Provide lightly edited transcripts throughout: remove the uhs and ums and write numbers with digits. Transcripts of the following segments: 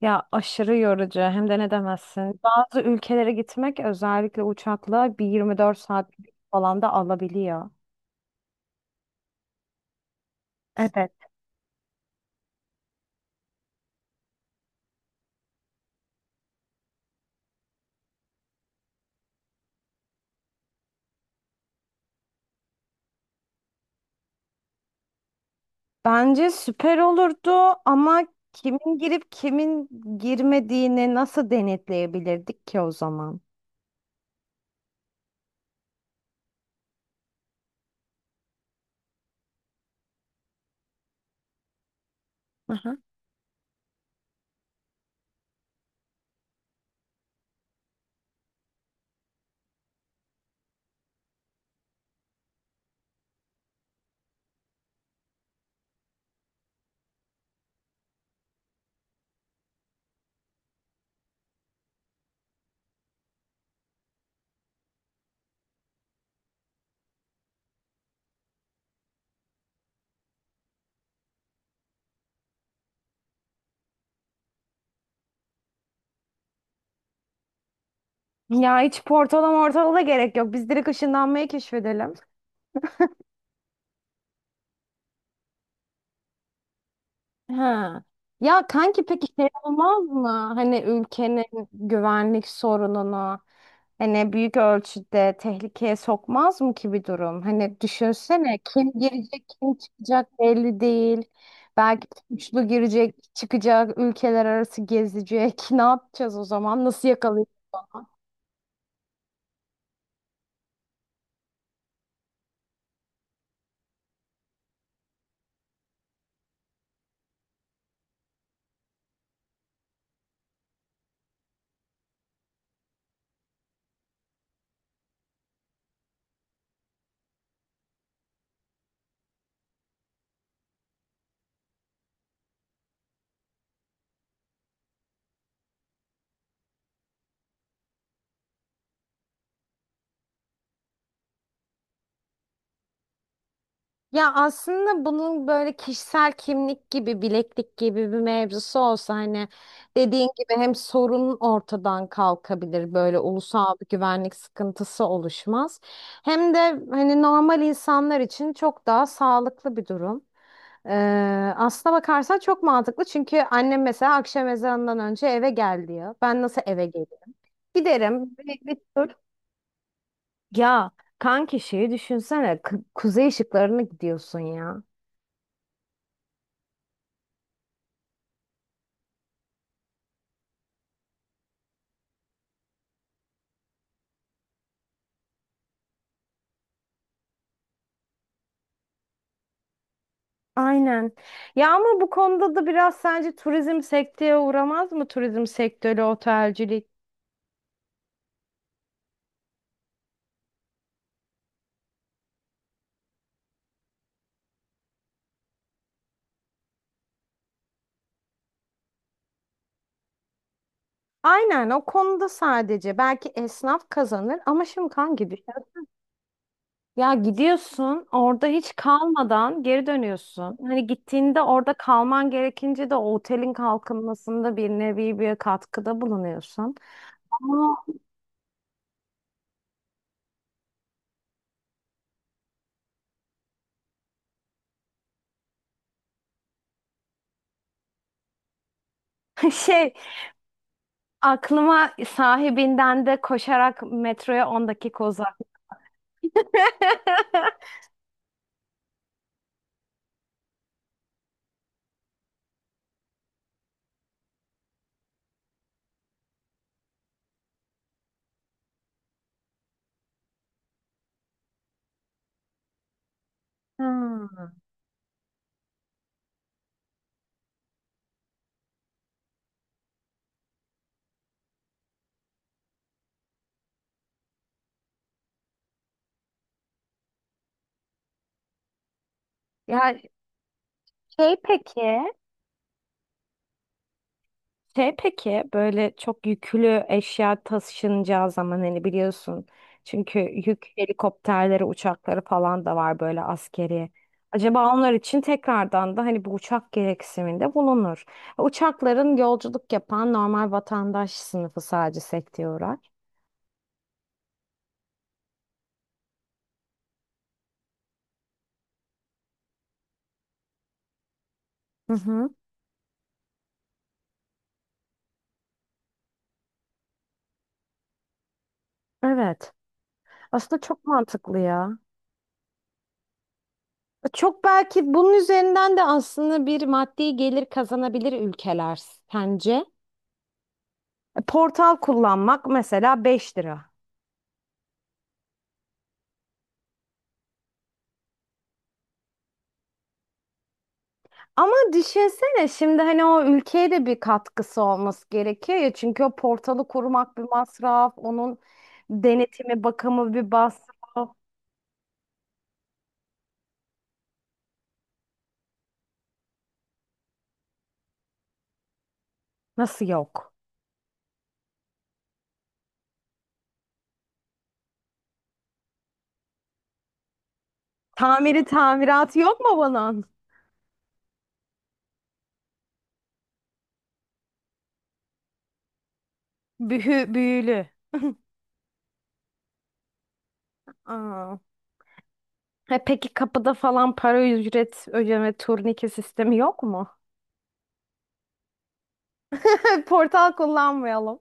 Ya aşırı yorucu hem de ne demezsin. Bazı ülkelere gitmek özellikle uçakla bir 24 saat falan da alabiliyor. Evet. Bence süper olurdu ama kimin girip kimin girmediğini nasıl denetleyebilirdik ki o zaman? Aha. Ya hiç portala mortala da gerek yok. Biz direkt ışınlanmayı keşfedelim. Ha. Ya kanki peki şey olmaz mı? Hani ülkenin güvenlik sorununu hani büyük ölçüde tehlikeye sokmaz mı ki bir durum? Hani düşünsene kim girecek kim çıkacak belli değil. Belki suçlu girecek çıkacak ülkeler arası gezecek. Ne yapacağız o zaman? Nasıl yakalayacağız? Ya aslında bunun böyle kişisel kimlik gibi, bileklik gibi bir mevzusu olsa hani dediğin gibi hem sorun ortadan kalkabilir, böyle ulusal bir güvenlik sıkıntısı oluşmaz. Hem de hani normal insanlar için çok daha sağlıklı bir durum. Ee, aslına bakarsan çok mantıklı çünkü annem mesela akşam ezanından önce eve gel diyor. Ben nasıl eve geleyim? Giderim, bir tur ya kanki şeyi düşünsene. Kuzey ışıklarına gidiyorsun ya. Aynen. Ya ama bu konuda da biraz sence turizm sekteye uğramaz mı? Turizm sektörü, otelcilik. Aynen o konuda sadece belki esnaf kazanır ama şimdi kanki düşün. Ya gidiyorsun orada hiç kalmadan geri dönüyorsun. Hani gittiğinde orada kalman gerekince de o otelin kalkınmasında bir nevi bir katkıda bulunuyorsun. Ama şey aklıma sahibinden de koşarak metroya 10 dakika uzak. Hmm. Ya şey peki Şey peki böyle çok yüklü eşya taşınacağı zaman hani biliyorsun çünkü yük helikopterleri uçakları falan da var böyle askeri. Acaba onlar için tekrardan da hani bu uçak gereksiniminde bulunur. Uçakların yolculuk yapan normal vatandaş sınıfı sadece sekteye uğrar. Hı hı. Evet. Aslında çok mantıklı ya. Çok belki bunun üzerinden de aslında bir maddi gelir kazanabilir ülkeler sence? E, Portal kullanmak mesela 5 lira. Ama düşünsene şimdi hani o ülkeye de bir katkısı olması gerekiyor ya. Çünkü o portalı kurmak bir masraf, onun denetimi, bakımı bir masraf. Nasıl yok? Tamiri tamiratı yok mu bunun? Bühü, büyülü. Aa. E peki kapıda falan para ücret ödeme turnike sistemi yok mu? Portal kullanmayalım.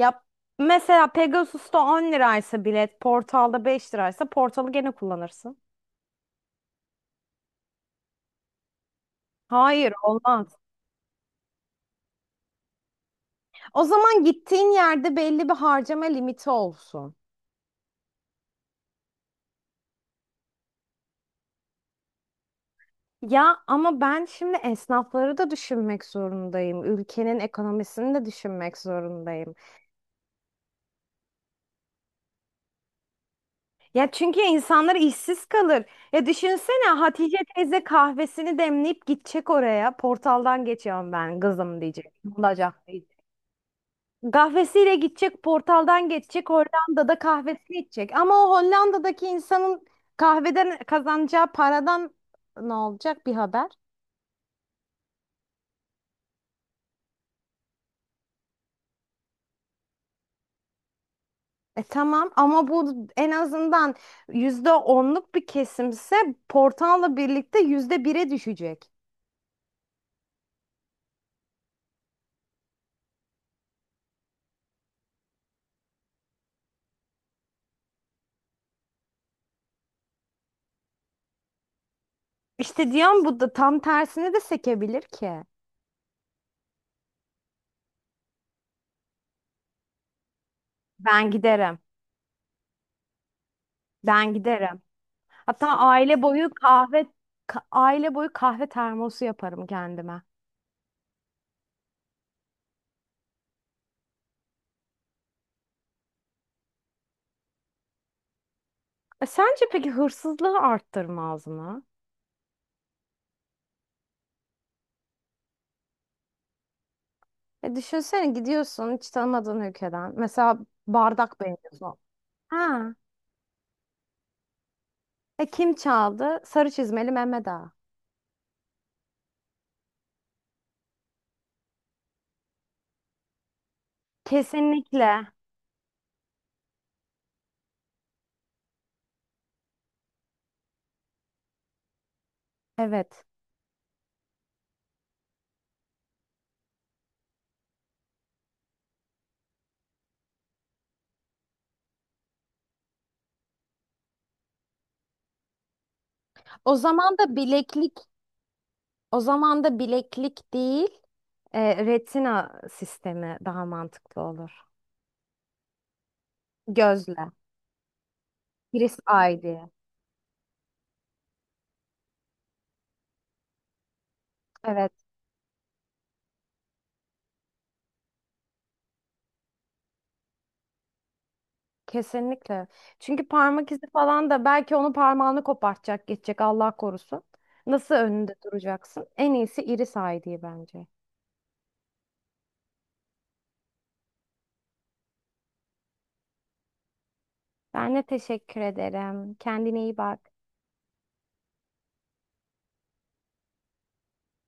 Ya mesela Pegasus'ta 10 liraysa bilet, Portal'da 5 liraysa Portal'ı gene kullanırsın. Hayır, olmaz. O zaman gittiğin yerde belli bir harcama limiti olsun. Ya ama ben şimdi esnafları da düşünmek zorundayım. Ülkenin ekonomisini de düşünmek zorundayım. Ya çünkü insanlar işsiz kalır. Ya düşünsene Hatice teyze kahvesini demleyip gidecek oraya. Portaldan geçiyorum ben kızım diyecek. Bulacak. Kahvesiyle gidecek, portaldan geçecek, Hollanda'da kahvesini içecek. Ama o Hollanda'daki insanın kahveden kazanacağı paradan ne olacak bir haber? E tamam ama bu en azından %10'luk bir kesimse portalla birlikte %1'e düşecek. İşte diyorum bu da tam tersine de sekebilir ki. Ben giderim. Ben giderim. Hatta aile boyu kahve termosu yaparım kendime. E, sence peki hırsızlığı arttırmaz mı? E düşünsene gidiyorsun hiç tanımadığın ülkeden. Mesela bardak beğeniyorsun. Ha. E kim çaldı? Sarı çizmeli Mehmet Ağa. Kesinlikle. Evet. O zaman da bileklik, o zaman da bileklik değil, retina sistemi daha mantıklı olur. Gözle. Iris eye diye. Evet. Kesinlikle. Çünkü parmak izi falan da belki onu parmağını kopartacak, geçecek Allah korusun. Nasıl önünde duracaksın? En iyisi iri sağ diye bence. Ben de teşekkür ederim. Kendine iyi bak.